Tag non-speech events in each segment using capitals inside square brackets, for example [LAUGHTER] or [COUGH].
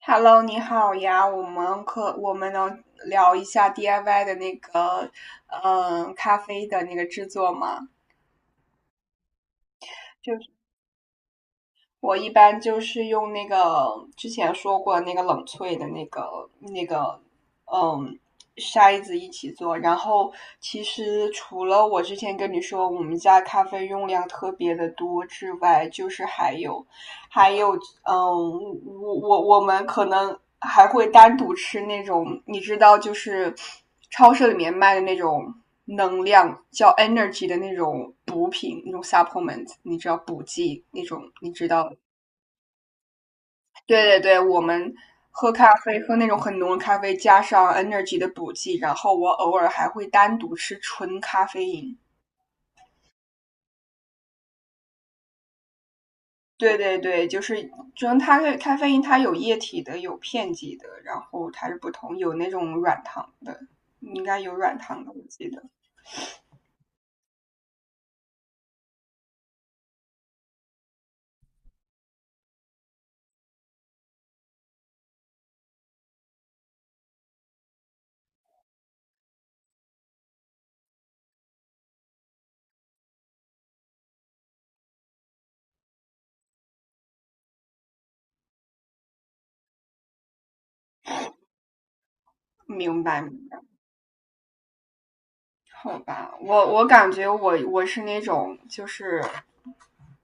Hello,你好呀，我们能聊一下 DIY 的那个，咖啡的那个制作吗？就是我一般就是用那个之前说过那个冷萃的那个，嗯，筛子一起做。然后其实除了我之前跟你说我们家咖啡用量特别的多之外，就是还有呃我们可能还会单独吃那种，你知道，就是超市里面卖的那种能量叫 energy 的那种补品，那种 supplement,你知道补剂那种，你知道？对对对，我们喝咖啡喝那种很浓的咖啡，加上 energy 的补剂，然后我偶尔还会单独吃纯咖啡因。对对对，就是它的咖啡因，它有液体的，有片剂的，然后它是不同，有那种软糖的，应该有软糖的，我记得。明白明白，好吧，我感觉我是那种就是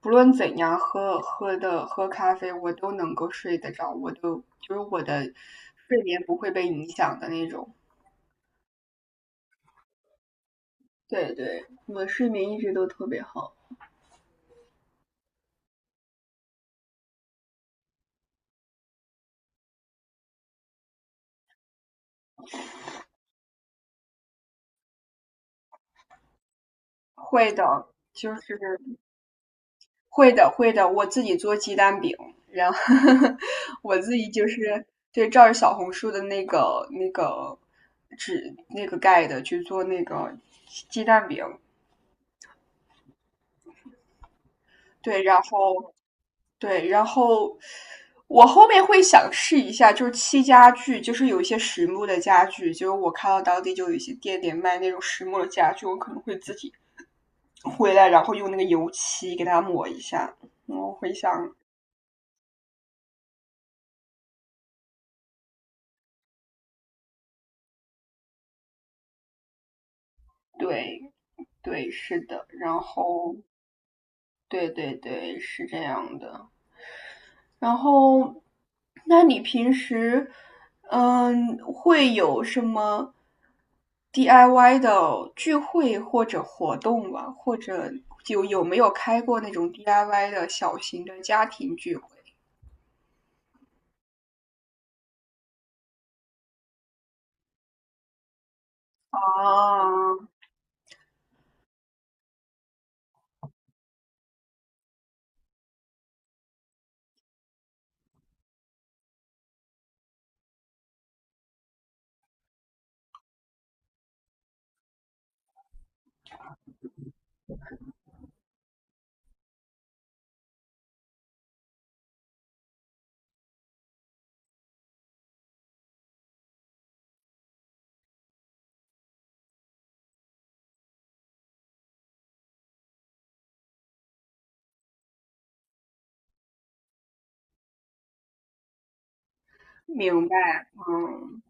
不论怎样喝咖啡，我都能够睡得着，我都就是我的睡眠不会被影响的那种。对对，我睡眠一直都特别好。会的，就是会的我自己做鸡蛋饼，然后 [LAUGHS] 我自己就是对照着小红书的那个纸那个盖的去做那个鸡蛋饼，对，然后对，然后我后面会想试一下，就是漆家具，就是有一些实木的家具，就是我看到当地就有一些店里卖那种实木的家具，我可能会自己回来，然后用那个油漆给它抹一下，我会想对对，是的，然后对对对，是这样的。然后，那你平时嗯会有什么 DIY 的聚会或者活动吗？或者就有没有开过那种 DIY 的小型的家庭聚会？啊，明白，嗯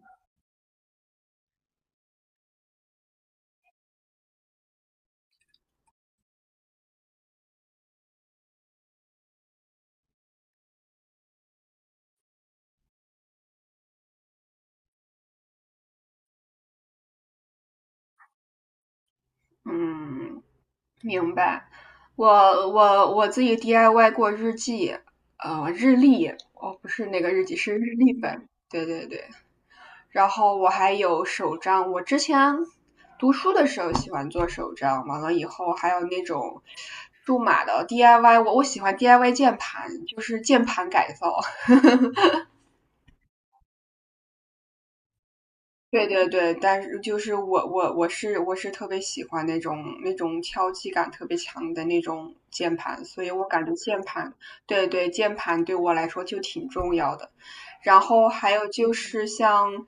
嗯。明白，我我自己 DIY 过日记，日历，哦，不是那个日记，是日历本，对对对。然后我还有手账，我之前读书的时候喜欢做手账，完了以后还有那种数码的 DIY,我喜欢 DIY 键盘，就是键盘改造，对对对，但是就是我是特别喜欢那种敲击感特别强的那种键盘，所以我感觉键盘，对对，键盘对我来说就挺重要的。然后还有就是像，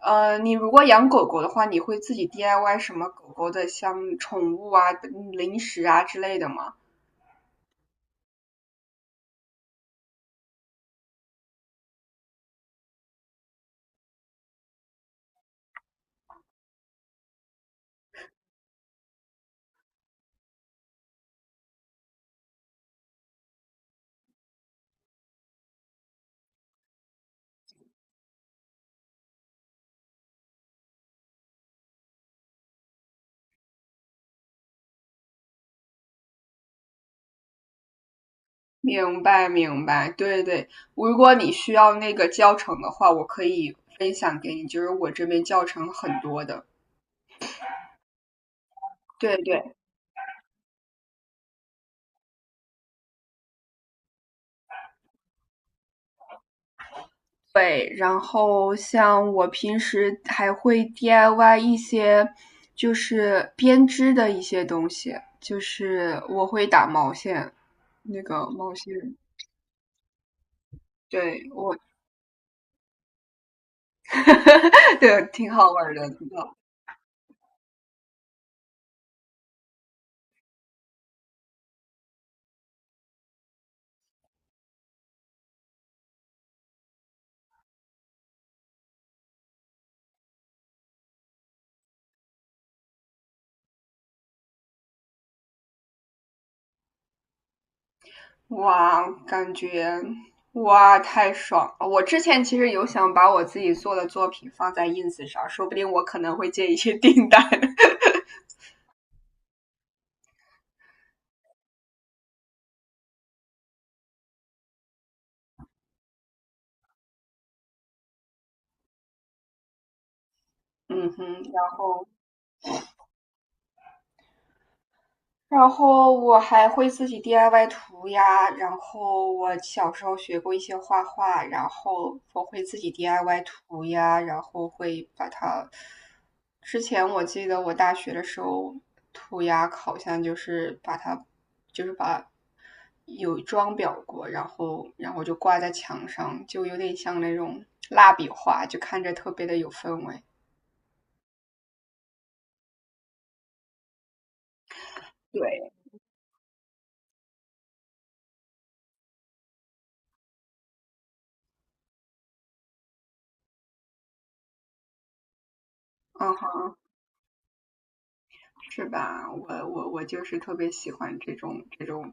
呃，你如果养狗狗的话，你会自己 DIY 什么狗狗的像宠物啊、嗯零食啊之类的吗？明白明白，对对，如果你需要那个教程的话，我可以分享给你，就是我这边教程很多的。对对对，然后像我平时还会 DIY 一些就是编织的一些东西，就是我会打毛线，那个毛线，对我，[LAUGHS] 对，挺好玩儿的。哇，感觉哇太爽了！我之前其实有想把我自己做的作品放在 ins 上，说不定我可能会接一些订单。[LAUGHS] 嗯哼，然后然后我还会自己 DIY 涂鸦，然后我小时候学过一些画画，然后我会自己 DIY 涂鸦，然后会把它。之前我记得我大学的时候涂鸦好像就是把它，就是把有装裱过，然后就挂在墙上，就有点像那种蜡笔画，就看着特别的有氛围。对，嗯哼，是吧？我就是特别喜欢这种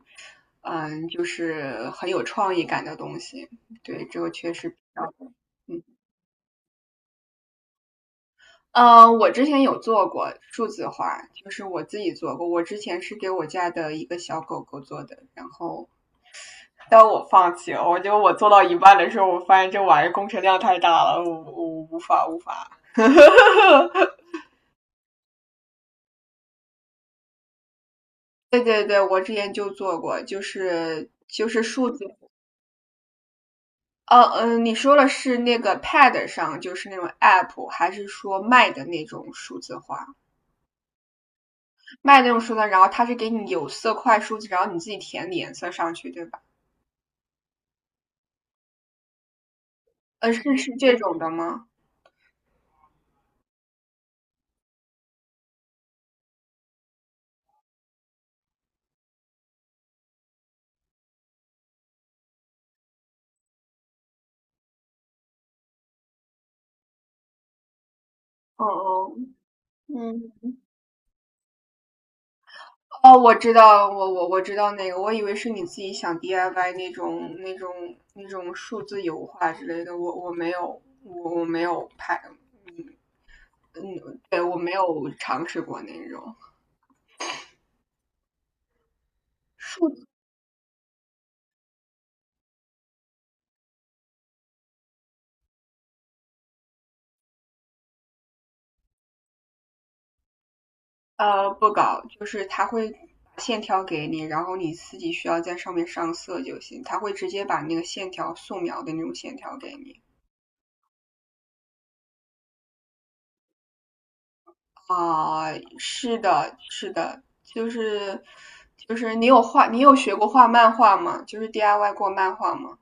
就是很有创意感的东西。对，这个确实比较。嗯，我之前有做过数字化，就是我自己做过。我之前是给我家的一个小狗狗做的，然后但我放弃了。我觉得我做到一半的时候，我发现这玩意儿工程量太大了，我无法。[LAUGHS] 对对对，我之前就做过，就是数字哦，嗯，你说的是那个 Pad 上，就是那种 App,还是说卖的那种数字化？卖那种数字化然后它是给你有色块数字，然后你自己填你颜色上去，对吧？是是这种的吗？哦哦，嗯，哦，我知道，我知道那个，我以为是你自己想 DIY 那种数字油画之类的，我没有，我没有拍，嗯，对，我没有尝试过那种。数不搞，就是他会把线条给你，然后你自己需要在上面上色就行。他会直接把那个线条素描的那种线条给你。啊、是的，是的，就是你有画，你有学过画漫画吗？就是 DIY 过漫画吗？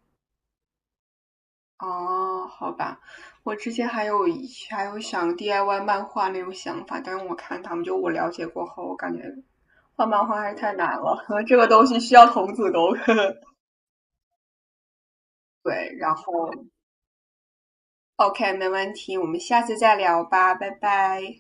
哦，好吧，我之前还有想 DIY 漫画那种想法，但是我看他们就我了解过后，我感觉画漫画还是太难了，[LAUGHS] 这个东西需要童子功。[LAUGHS] 对，然后 OK,没问题，我们下次再聊吧，拜拜。